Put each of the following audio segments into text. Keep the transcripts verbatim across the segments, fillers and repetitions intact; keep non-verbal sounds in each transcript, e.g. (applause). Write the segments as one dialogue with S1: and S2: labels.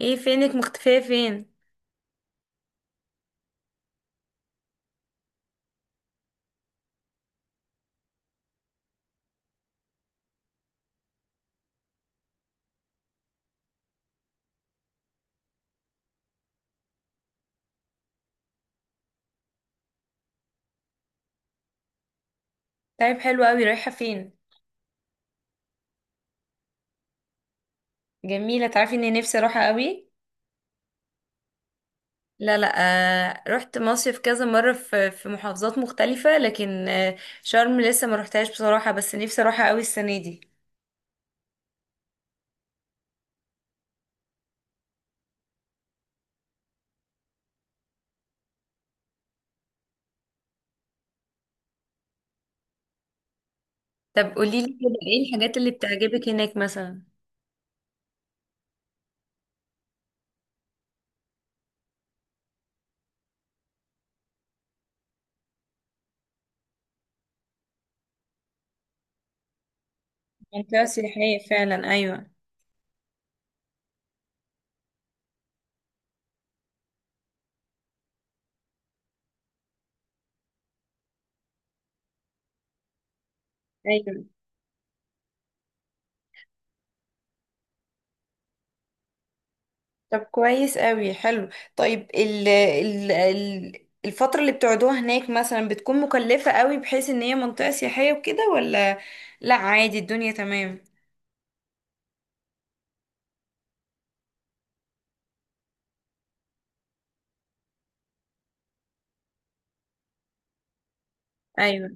S1: ايه فينك مختفية فين؟ طيب حلو قوي، رايحة فين؟ جميلة، تعرفي اني نفسي اروحها قوي. لا لا. آه، رحت مصيف كذا مرة في في محافظات مختلفة، لكن آه شرم لسه ما روحتهاش بصراحة، بس نفسي اروحها قوي السنة دي. طب قوليلي كده ايه الحاجات اللي بتعجبك هناك مثلا؟ منطقة سياحية فعلا، ايوه. ايوه. طب كويس قوي، حلو. طيب، ال ال ال الفترة اللي بتقعدوها هناك مثلا بتكون مكلفة قوي بحيث ان هي منطقة سياحية وكده، ولا؟ لا، عادي، الدنيا تمام. ايوه،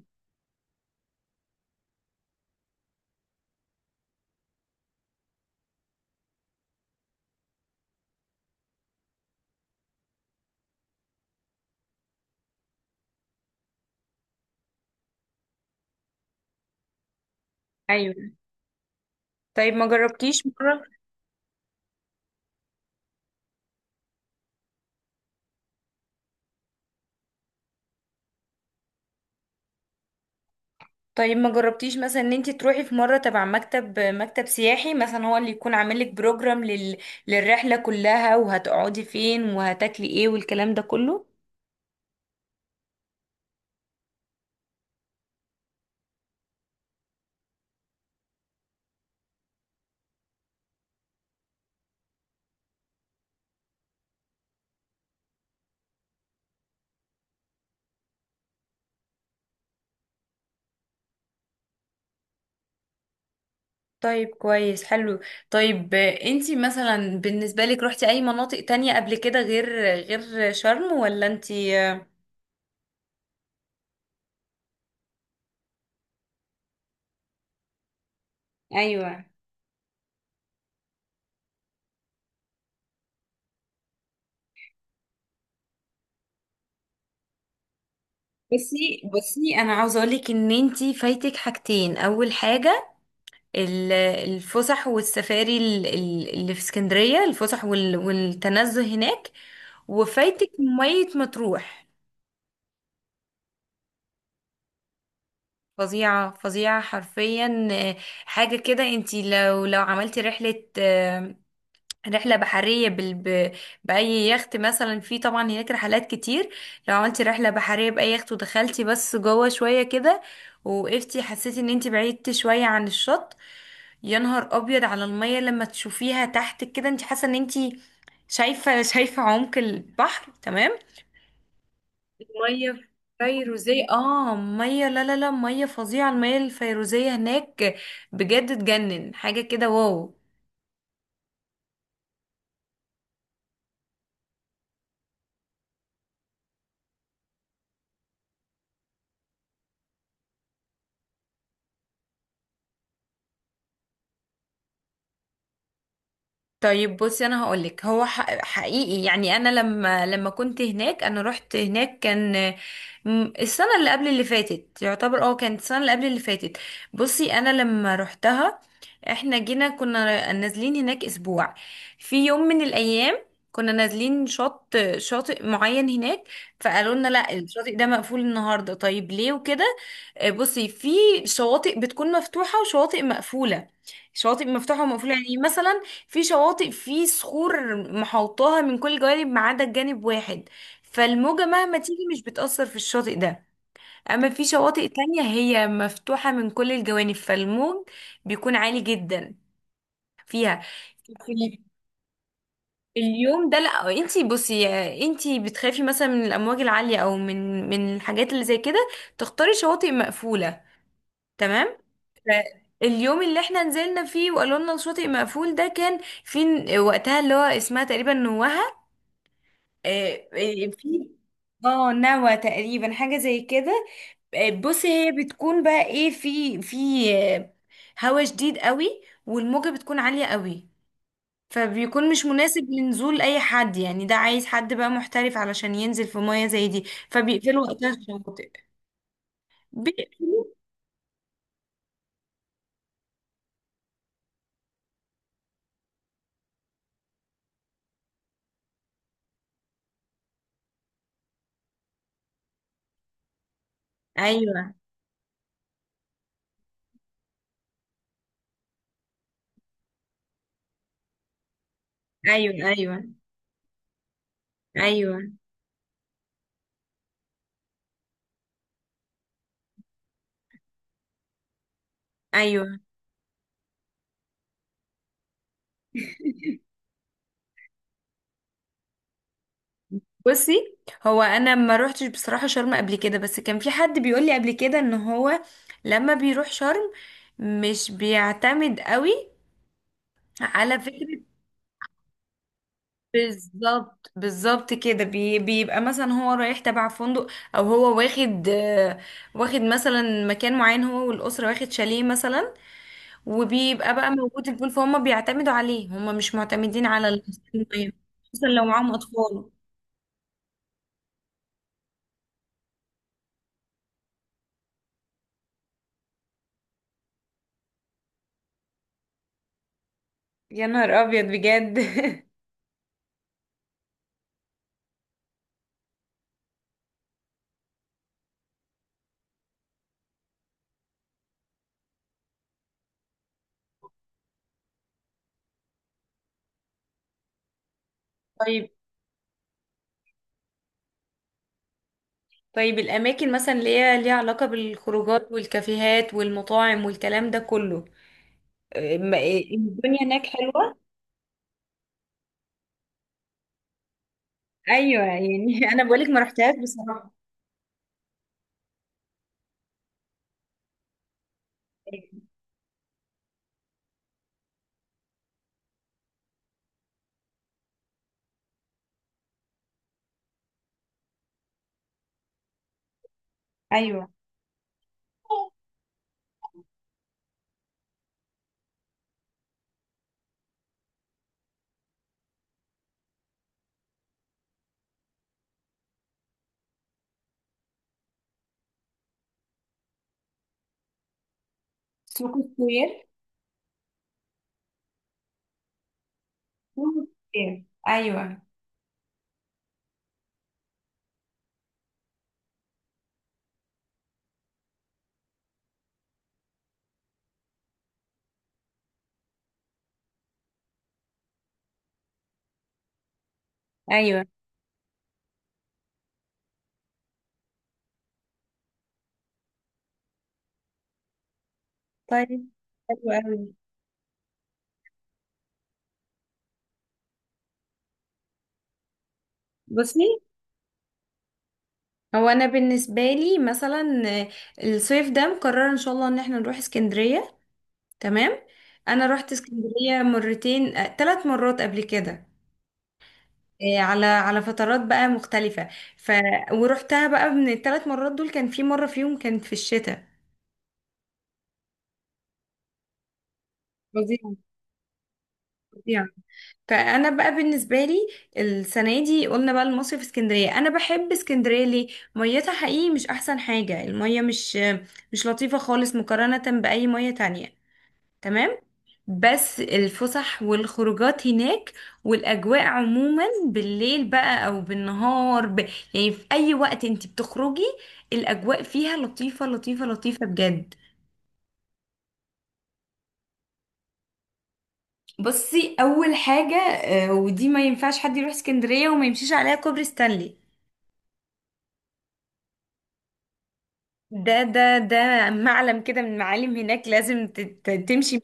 S1: ايوه. طيب، ما جربتيش مرة؟ طيب، ما جربتيش مثلا ان انت تروحي في مرة تبع مكتب مكتب سياحي مثلا، هو اللي يكون عامل لك بروجرام لل... للرحلة كلها، وهتقعدي فين وهتاكلي ايه والكلام ده كله؟ طيب، كويس، حلو. طيب، آه، انتي مثلا بالنسبة لك روحتي اي مناطق تانية قبل كده غير غير شرم، ولا انتي آه، ايوه؟ بصي بصي، انا عاوزه اقول لك ان انتي فايتك حاجتين. اول حاجه، ال- الفسح والسفاري ال- ال- اللي في اسكندريه، الفسح وال- والتنزه هناك. وفايتك ميه مطروح. فظيعه فظيعه حرفيا، آه، حاجه كده. انتي لو لو عملتي رحله رحلة بحرية بال... ب... بأي يخت مثلا، في طبعا هناك رحلات كتير. لو عملتي رحلة بحرية بأي يخت ودخلتي بس جوه شوية كده ووقفتي، حسيتي ان انتي بعيدتي شوية عن الشط. يا نهار أبيض على المية لما تشوفيها تحت كده، انتي حاسة ان انتي شايفة، شايفة عمق البحر، تمام. ميه فيروزيه، اه مية، لا لا لا، مية فظيعة، المية الفيروزية هناك بجد تجنن، حاجة كده، واو. طيب، بصي، انا هقولك هو ح- حقيقي يعني، انا لما لما كنت هناك، انا رحت هناك كان م- السنه اللي قبل اللي فاتت، يعتبر اه كانت السنه اللي قبل اللي فاتت. بصي انا لما رحتها، احنا جينا كنا نازلين هناك اسبوع. في يوم من الايام، كنا نازلين شط شاطئ معين هناك، فقالوا لنا لا الشاطئ ده مقفول النهارده. طيب ليه وكده؟ آه، بصي، في شواطئ بتكون مفتوحه وشواطئ مقفوله، شواطئ مفتوحه ومقفوله يعني مثلا، في شواطئ في صخور محوطاها من كل جوانب ما عدا جانب واحد، فالموجة مهما تيجي مش بتأثر في الشاطئ ده. أما في شواطئ تانية هي مفتوحة من كل الجوانب، فالموج بيكون عالي جدا فيها. في اليوم ده، لا انتي بصي، انتي بتخافي مثلا من الأمواج العالية أو من من الحاجات اللي زي كده، تختاري شواطئ مقفولة، تمام. ف- اليوم اللي احنا نزلنا فيه وقالوا لنا الشاطئ مقفول ده، كان في وقتها اللي هو اسمها تقريبا نوهة. آه، آه، في اه نوى تقريبا، حاجة زي كده. آه، بصي، هي بتكون بقى ايه، في في آه، هوا شديد قوي والموجة بتكون عالية قوي. فبيكون مش مناسب لنزول اي حد يعني، ده عايز حد بقى محترف علشان ينزل في مية زي دي. فبيقفلوا وقتها الشواطئ، بيقفلوا. ايوه، ايوه، ايوه، ايوه، ايوه. بصي، هو انا ما روحتش بصراحه شرم قبل كده، بس كان في حد بيقول لي قبل كده ان هو لما بيروح شرم مش بيعتمد قوي، على فكره. بالظبط بالظبط كده، بي بيبقى مثلا هو رايح تبع فندق، او هو واخد آه، واخد مثلا مكان معين، هو والاسره واخد شاليه مثلا، وبيبقى بقى موجود البول، فهم بيعتمدوا عليه، هم مش معتمدين على المصريين. خصوصا لو معاهم اطفال. يا نهار ابيض بجد! (laughs) طيب. طيب الأماكن مثلا اللي هي ليها علاقة بالخروجات والكافيهات والمطاعم والكلام ده كله؟ أه، ما- إيه، الدنيا هناك حلوة. أيوة يعني، (laughs) أنا بقولك ما رحتهاش بصراحة. أيوة. سوق سكوير. سوق سكوير، أيوة. أيوة، طيب، حلو أوي. بصي، هو أنا بالنسبة لي مثلا آه، الصيف ده مقررة إن شاء الله إن احنا نروح اسكندرية، تمام. أنا رحت اسكندرية مرتين، آه، ثلاث مرات قبل كده. إيه، على على فترات بقى مختلفة. ف ورحتها بقى من الثلاث مرات دول، كان في مرة فيهم كانت في الشتاء. فظيع! فظيع! فانا بقى بالنسبه لي السنه دي قلنا بقى المصيف في اسكندريه. انا بحب اسكندريه ليه؟ ميتها حقيقي مش احسن حاجه، الميه مش مش لطيفه خالص مقارنه باي ميه تانية، تمام. بس الفسح والخروجات هناك، والأجواء عموما بالليل بقى أو بالنهار، ب... يعني في أي وقت انت بتخرجي، الأجواء فيها لطيفة لطيفة لطيفة بجد. بصي، أول حاجة آه، ودي ما ينفعش حد يروح اسكندرية وما يمشيش عليها كوبري ستانلي. ده ده ده معلم كده من معالم هناك، لازم تت- تمشي.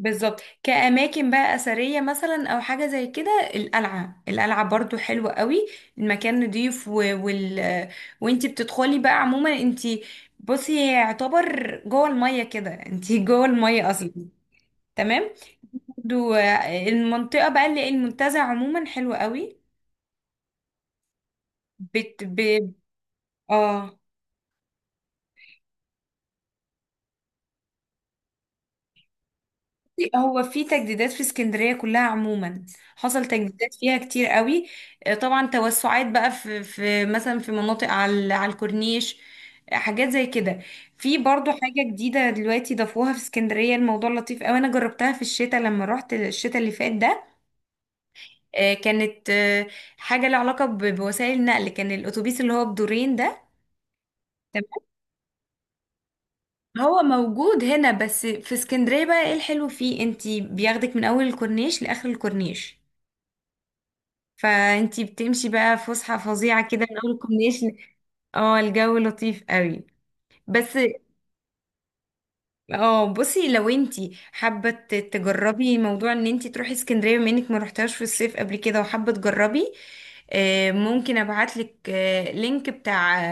S1: بالظبط، كأماكن بقى أثرية مثلا أو حاجة زي كده، القلعة، القلعة برضو حلوة قوي، المكان نضيف، و... وال... وانتي بتدخلي بقى عموما، انتي بصي هي يعتبر جوه المية كده، انتي (laughs) جوه المية أصلا، تمام. برضو آه، المنطقة بقى اللي المنتزه عموما حلوة قوي، بت... ب... اه. هو في تجديدات في اسكندرية كلها عموما، حصل تجديدات فيها كتير قوي. آه، طبعا توسعات بقى في, في مثلا في مناطق على على الكورنيش، آه، حاجات زي كده. في برضو حاجة جديدة دلوقتي ضافوها في اسكندرية، الموضوع لطيف قوي، انا جربتها في الشتاء لما رحت الشتاء اللي فات ده. آه، كانت آه، حاجة لها علاقة ب- بوسائل النقل، كان الأتوبيس اللي هو بدورين ده، تمام. هو موجود هنا، بس في اسكندرية بقى ايه الحلو فيه؟ انتي بياخدك من أول الكورنيش لآخر الكورنيش، فانتي بتمشي بقى فسحة فظيعة كده من اول كومبينيشن. اه، الجو لطيف قوي، بس. اه، بصي، لو انتي حابة ت- تجربي موضوع ان انتي تروحي اسكندرية بما انك ما رحتهاش في الصيف قبل كده وحابة تجربي، آه، ممكن ابعتلك آه، لينك بتاع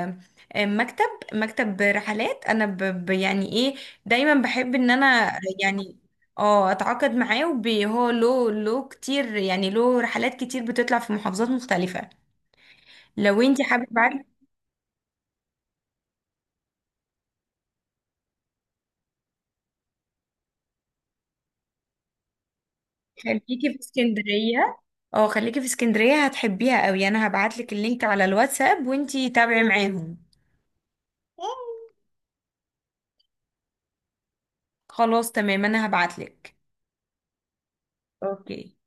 S1: آه، مكتب، مكتب رحلات. انا ب ب- يعني ايه، دايما بحب ان انا يعني اه اتعاقد معاه، وهو له له كتير يعني، له رحلات كتير بتطلع في محافظات مختلفة. لو انت حابه ابعت. خليكي في اسكندريه. اه، خليكي في اسكندريه، هتحبيها قوي. انا هبعت لك اللينك على الواتساب، وانت تابعي معاهم. خلاص، تمام، انا هبعت لك. اوكي.